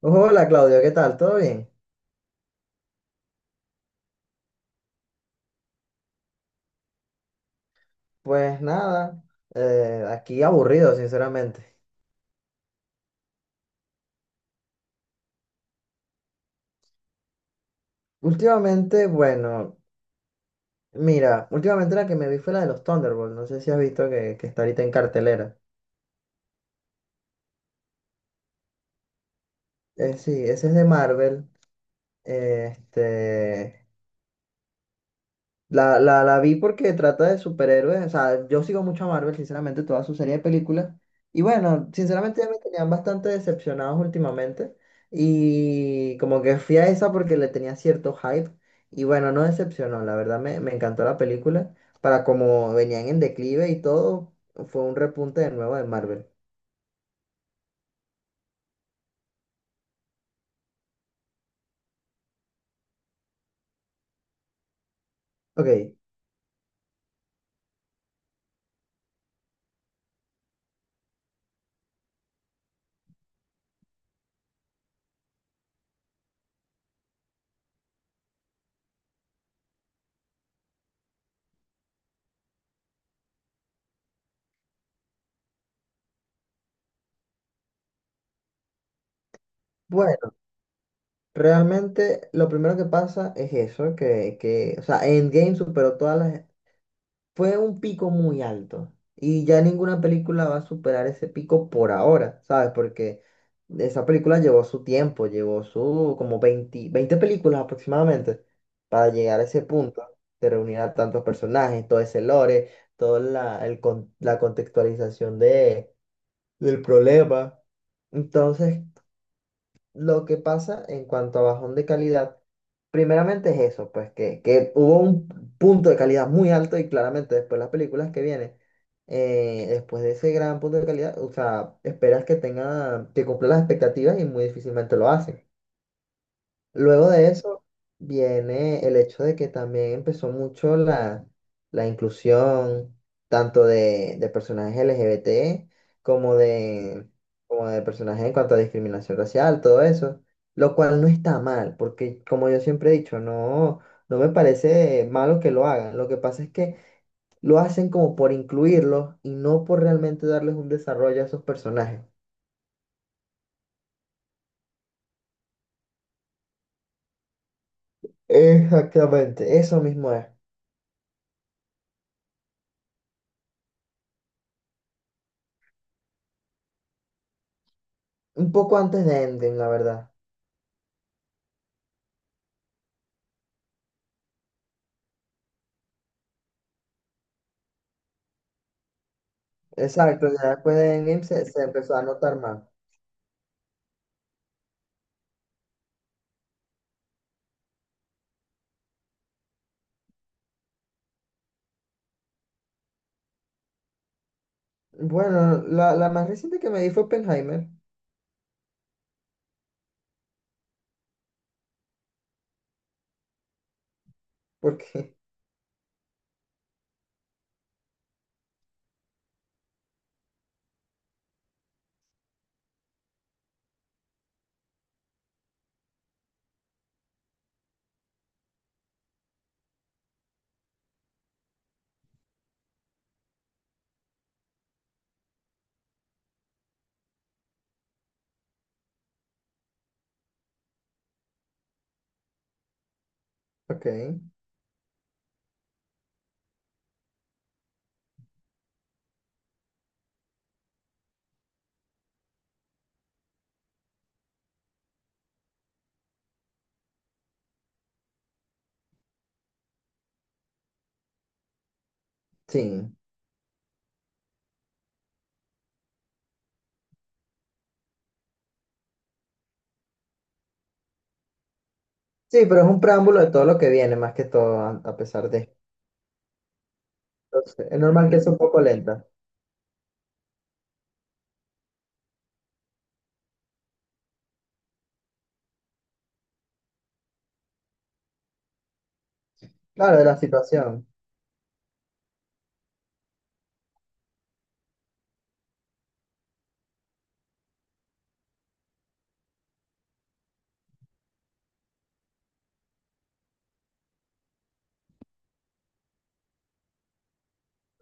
Hola Claudio, ¿qué tal? ¿Todo bien? Pues nada, aquí aburrido, sinceramente. Últimamente, bueno, mira, últimamente la que me vi fue la de los Thunderbolts. No sé si has visto que está ahorita en cartelera. Sí, ese es de Marvel. eh, Este, la vi porque trata de superhéroes. O sea, yo sigo mucho a Marvel, sinceramente, toda su serie de películas. Y bueno, sinceramente ya me tenían bastante decepcionados últimamente. Y como que fui a esa porque le tenía cierto hype. Y bueno, no decepcionó. La verdad me encantó la película. Para como venían en declive y todo, fue un repunte de nuevo de Marvel. Ok, bueno, realmente lo primero que pasa es eso, o sea, Endgame superó todas las fue un pico muy alto. Y ya ninguna película va a superar ese pico por ahora, ¿sabes? Porque esa película llevó su tiempo, llevó su como 20, 20 películas aproximadamente para llegar a ese punto de reunir a tantos personajes, todo ese lore, toda la contextualización del problema. Entonces, lo que pasa en cuanto a bajón de calidad, primeramente es eso, pues que hubo un punto de calidad muy alto y claramente después las películas que vienen, después de ese gran punto de calidad, o sea, esperas que tenga, que cumpla las expectativas y muy difícilmente lo hacen. Luego de eso viene el hecho de que también empezó mucho la inclusión tanto de personajes LGBT como de, como de personajes en cuanto a discriminación racial, todo eso, lo cual no está mal, porque como yo siempre he dicho, no, no me parece malo que lo hagan. Lo que pasa es que lo hacen como por incluirlos y no por realmente darles un desarrollo a esos personajes. Exactamente, eso mismo es. Un poco antes de Endgame, la verdad. Exacto, ya después de Endgame se empezó a notar más. Bueno, la más reciente que me di fue Oppenheimer, porque, ok, sí. Sí, pero es un preámbulo de todo lo que viene, más que todo, a pesar de. Entonces, es normal que sea un poco lenta. Claro, de la situación.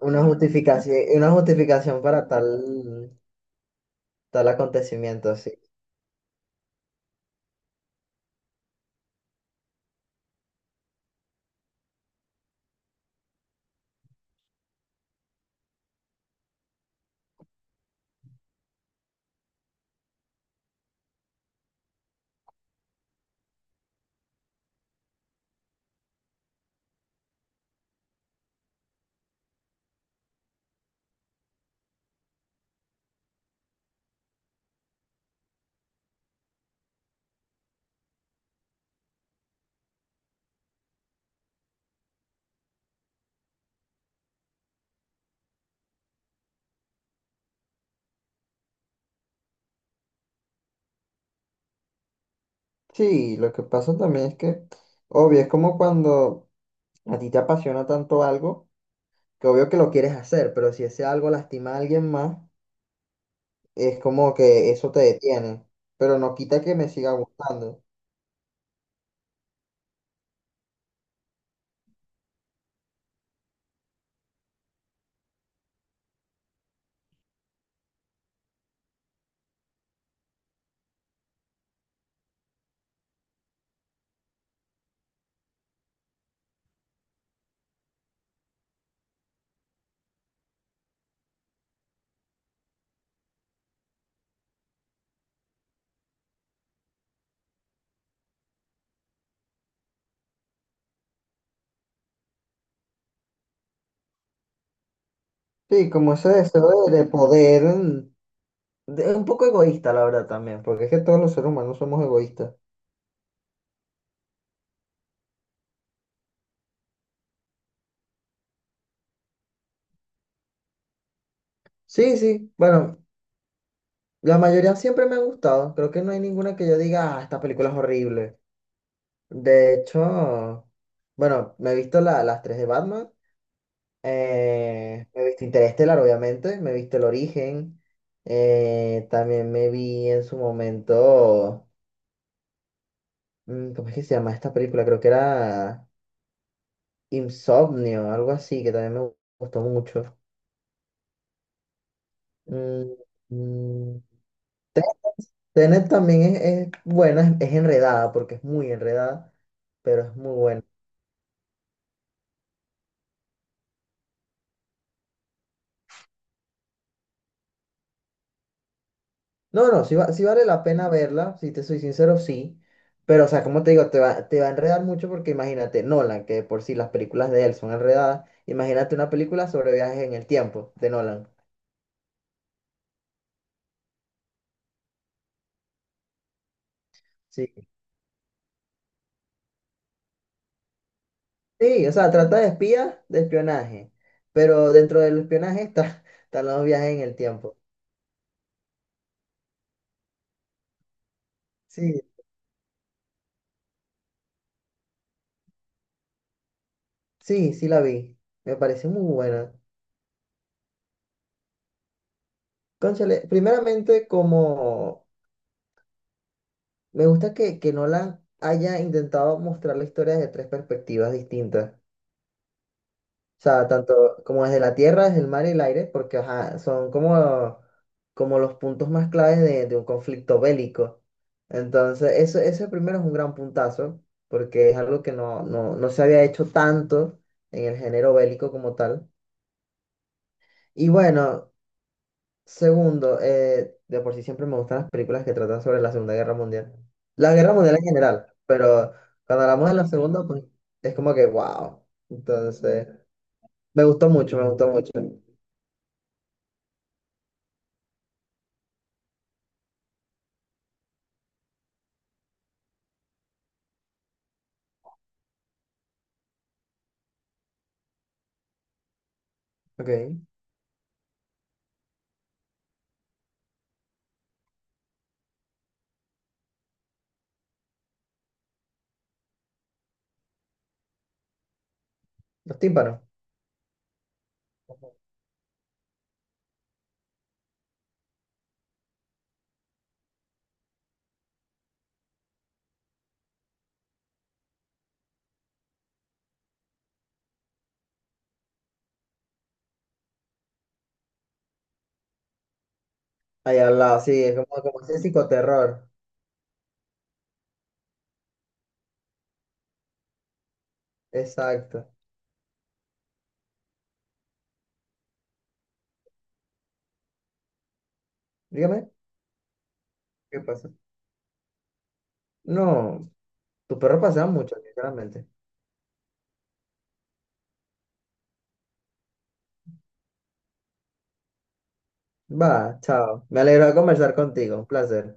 Una justificación para tal, tal acontecimiento, así. Sí, lo que pasa también es que, obvio, es como cuando a ti te apasiona tanto algo, que obvio que lo quieres hacer, pero si ese algo lastima a alguien más. Es como que eso te detiene, pero no quita que me siga gustando. Sí, como ese deseo de poder, un poco egoísta, la verdad, también, porque es que todos los seres humanos somos egoístas. Sí, sí, bueno, la mayoría siempre me ha gustado, creo que no hay ninguna que yo diga, ah, esta película es horrible. De hecho, bueno, me he visto las tres de Batman, me he visto Interestelar, obviamente, me he visto El Origen, también me vi en su momento... ¿Cómo es que se llama esta película? Creo que era Insomnio, algo así, que también me gustó mucho. Mm, mm, Tenet también es buena, es enredada, porque es muy enredada, pero es muy buena. No, no, sí, sí vale la pena verla, si te soy sincero, sí. Pero, o sea, como te digo, te va a enredar mucho porque imagínate, Nolan, que de por sí las películas de él son enredadas, imagínate una película sobre viajes en el tiempo de Nolan. ¿Sí? Sí, o sea, trata de espías, de espionaje, pero dentro del espionaje está, están los viajes en el tiempo. Sí, sí, sí la vi, me parece muy buena. Cónchale, primeramente como me gusta que Nolan haya intentado mostrar la historia desde tres perspectivas distintas. O sea, tanto como desde la tierra, desde el mar y el aire, porque ajá, son como, como los puntos más claves de un conflicto bélico. Entonces, eso, ese primero es un gran puntazo, porque es algo que no, no, no se había hecho tanto en el género bélico como tal. Y bueno, segundo, de por sí siempre me gustan las películas que tratan sobre la Segunda Guerra Mundial. La Guerra Mundial en general, pero cuando hablamos de la Segunda, pues es como que, wow. Entonces, me gustó mucho, me gustó mucho. Ok. Los tímpanos. Ahí al lado, sí, es como, como ese psicoterror. Exacto. Dígame, ¿qué pasa? No, tus perros pasean mucho, sinceramente. Va, chao. Me alegro de conversar contigo. Un placer.